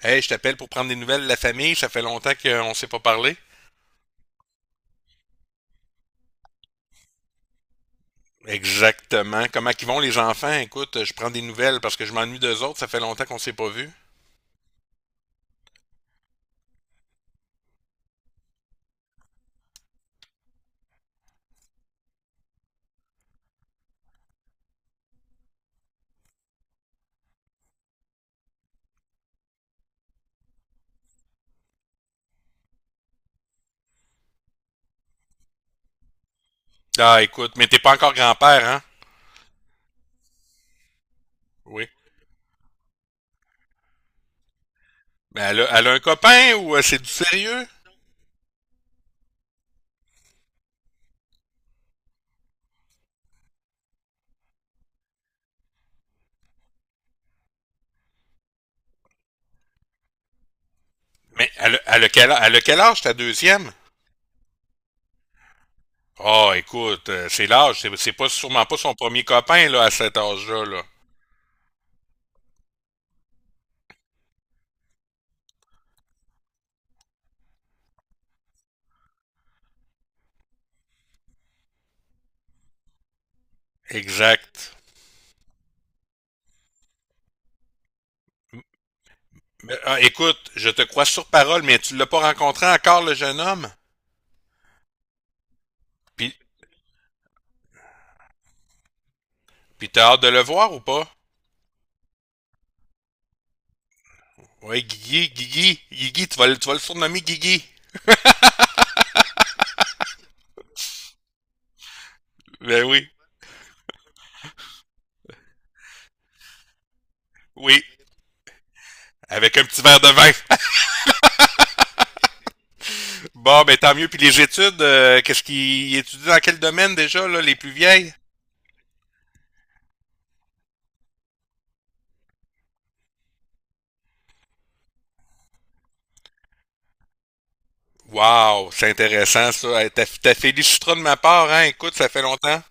Hey, je t'appelle pour prendre des nouvelles de la famille, ça fait longtemps qu'on ne s'est pas parlé. Exactement. Comment qu'ils vont les enfants? Écoute, je prends des nouvelles parce que je m'ennuie d'eux autres, ça fait longtemps qu'on s'est pas vus. Ah, écoute, mais t'es pas encore grand-père, hein? Oui. Mais elle a un copain ou c'est du sérieux? Mais elle a quel âge ta deuxième? Ah, écoute, c'est l'âge, c'est pas sûrement pas son premier copain là à cet âge-là. Là. Exact. Mais, ah, écoute, je te crois sur parole, mais tu l'as pas rencontré encore le jeune homme? Puis, puis t'as hâte de le voir ou pas? Ouais, Guigui, Guigui, Guigui, tu vas le surnommer Guigui. Ben oui, oui. Avec un petit verre de vin. Bon, ben tant mieux. Puis les études, qu'est-ce qu'il étudie dans quel domaine déjà, là, les plus vieilles? Wow, c'est intéressant ça. Hey, T'as félicitera de ma part, hein. Écoute, ça fait longtemps.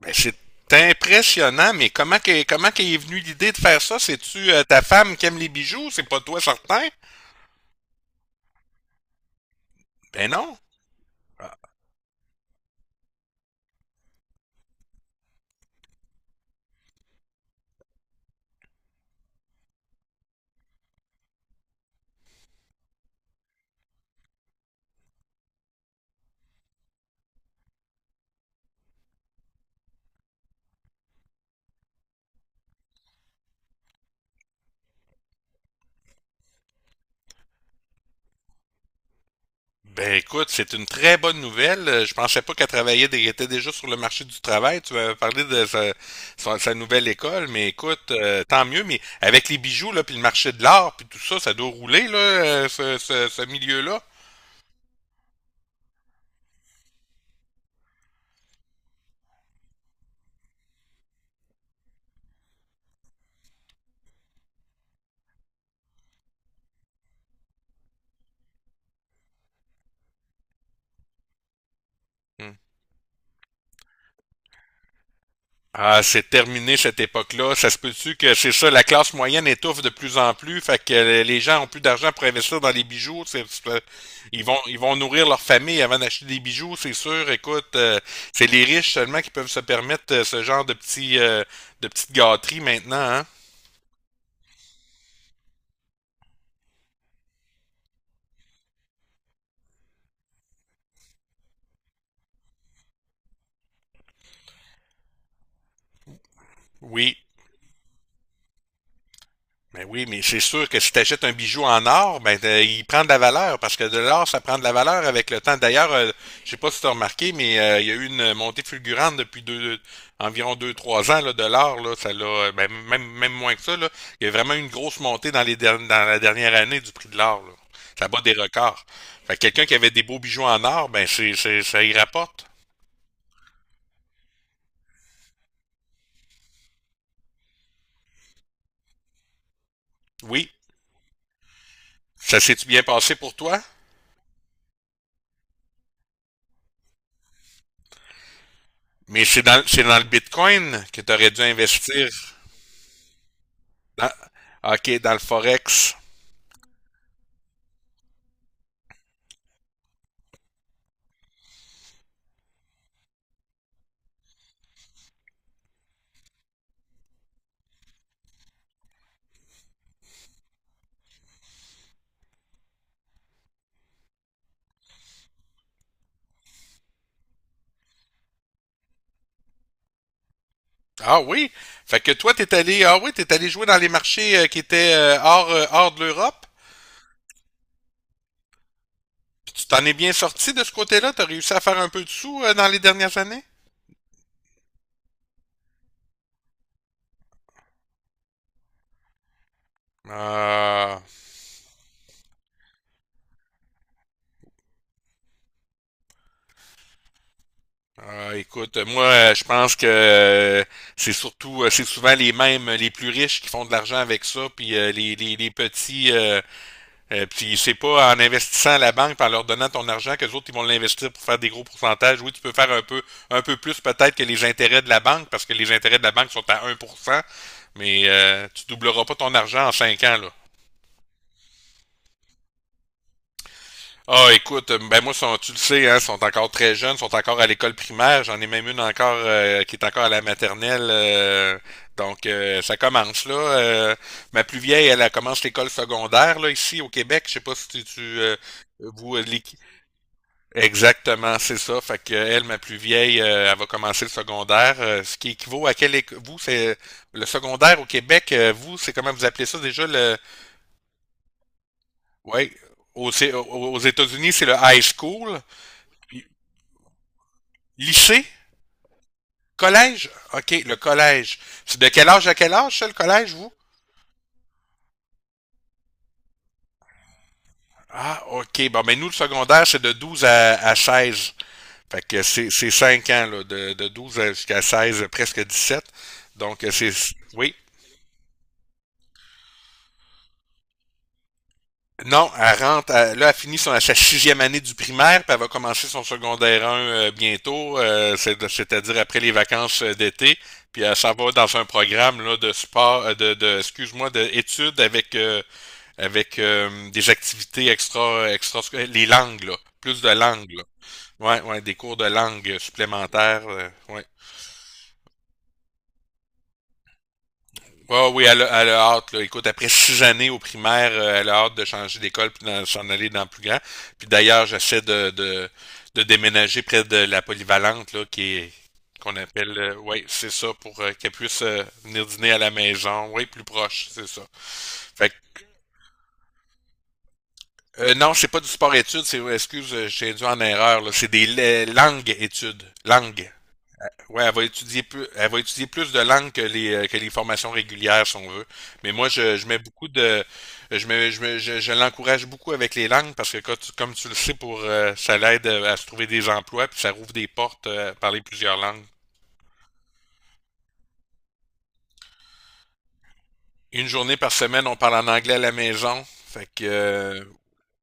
Ben c'est impressionnant, mais comment qu'est est venue l'idée de faire ça? C'est-tu ta femme qui aime les bijoux? C'est pas toi certain? Ben non. Ben écoute, c'est une très bonne nouvelle. Je pensais pas qu'elle travaillait, était déjà sur le marché du travail. Tu m'avais parlé de sa nouvelle école, mais écoute, tant mieux. Mais avec les bijoux là, puis le marché de l'art, puis tout ça, ça doit rouler là, ce milieu-là. Hmm. Ah, c'est terminé cette époque-là. Ça se peut-tu que c'est ça, la classe moyenne étouffe de plus en plus, fait que les gens ont plus d'argent pour investir dans les bijoux. Ils vont nourrir leur famille avant d'acheter des bijoux, c'est sûr. Écoute, c'est les riches seulement qui peuvent se permettre ce genre de petites gâteries maintenant, hein? Oui. Mais oui, mais c'est sûr que si tu achètes un bijou en or, ben il prend de la valeur parce que de l'or, ça prend de la valeur avec le temps. D'ailleurs, je sais pas si tu as remarqué, mais il y a eu une montée fulgurante depuis environ 2, 3 ans là, de l'or. Là, ça l'a, ben, même moins que ça. Là, il y a vraiment eu une grosse montée dans la dernière année du prix de l'or. Là. Ça bat des records. Fait que quelqu'un qui avait des beaux bijoux en or, ben ça y rapporte. Oui, ça s'est bien passé pour toi, mais c'est dans le Bitcoin que tu aurais dû investir. Dans, OK, dans le Forex. Ah oui? Fait que toi, ah oui, t'es allé jouer dans les marchés qui étaient hors de l'Europe. Puis tu t'en es bien sorti de ce côté-là? T'as réussi à faire un peu de sous dans les dernières années? Ah, écoute, moi, je pense que c'est souvent les mêmes, les plus riches qui font de l'argent avec ça, puis les petits, puis c'est pas en investissant à la banque, par leur donnant ton argent, que les autres ils vont l'investir pour faire des gros pourcentages. Oui, tu peux faire un peu plus peut-être que les intérêts de la banque, parce que les intérêts de la banque sont à 1%, mais tu doubleras pas ton argent en 5 ans là. Ah, écoute, ben moi, sont, tu le sais, hein, sont encore très jeunes, sont encore à l'école primaire. J'en ai même une encore qui est encore à la maternelle. Donc, ça commence là. Ma plus vieille, elle commence l'école secondaire là ici au Québec. Je sais pas si vous Exactement, c'est ça. Fait que elle, ma plus vieille, elle va commencer le secondaire, ce qui équivaut à quel vous c'est le secondaire au Québec, vous c'est comment vous appelez ça déjà le ouais aux, c'est- aux aux États-Unis c'est le high school, Puis, lycée, collège. Ok, le collège. C'est de quel âge à quel âge ça, le collège vous? Ah ok, bon mais nous le secondaire c'est de 12 à 16. Fait que c'est 5 ans là, de 12 jusqu'à 16, presque 17. Donc c'est oui. Non, là, elle finit sa sixième année du primaire, puis elle va commencer son secondaire un bientôt, c'est-à-dire après les vacances d'été, puis elle s'en va dans un programme là, de sport, de excuse-moi, d'études avec des activités les langues, là, plus de langues, là. Ouais, ouais, des cours de langue supplémentaires, ouais. Ouais, ouais, oui, elle a hâte, là. Écoute, après 6 années au primaire, elle a hâte de changer d'école puis s'en aller dans le plus grand. Puis d'ailleurs, j'essaie de, déménager près de la polyvalente, là, qu'on appelle, ouais, c'est ça, pour qu'elle puisse venir dîner à la maison. Oui, plus proche, c'est ça. Fait que, non, c'est pas du sport études, c'est, excuse, j'ai dû en erreur, là. C'est des langues études. Langues. Ouais, elle va étudier plus de langues que les formations régulières, si on veut. Mais moi, je mets beaucoup de, je mets, je mets- je l'encourage beaucoup avec les langues parce que comme tu le sais, ça l'aide à se trouver des emplois puis ça rouvre des portes à parler plusieurs langues. Une journée par semaine, on parle en anglais à la maison. Fait que,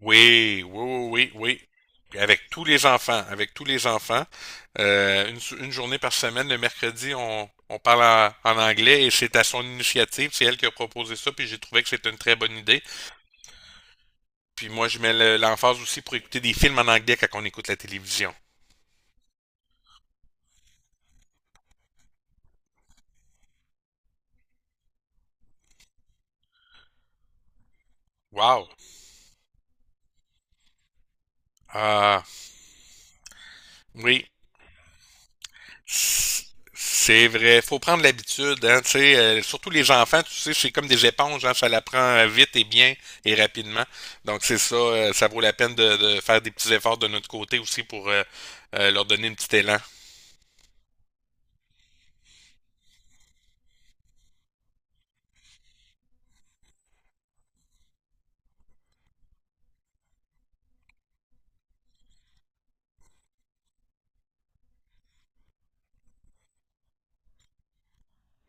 Oui, oui, oui, oui, oui. Avec tous les enfants, avec tous les enfants. Une journée par semaine, le mercredi, on parle en anglais et c'est à son initiative. C'est elle qui a proposé ça, puis j'ai trouvé que c'était une très bonne idée. Puis moi, je mets l'emphase aussi pour écouter des films en anglais quand on écoute la télévision. Wow! Ah, oui. C'est vrai, faut prendre l'habitude, hein, tu sais, surtout les enfants, tu sais, c'est comme des éponges, hein, ça l'apprend vite et bien et rapidement. Donc c'est ça, ça vaut la peine de, faire des petits efforts de notre côté aussi pour leur donner un petit élan.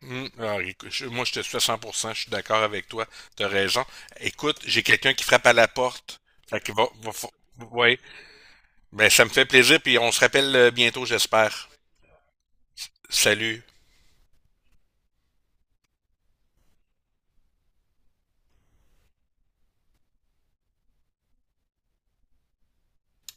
Alors, écoute, moi je te suis à 100%, je suis d'accord avec toi, t'as raison. Écoute, j'ai quelqu'un qui frappe à la porte. Fait que ouais, ben ça me fait plaisir, puis on se rappelle bientôt, j'espère. Salut.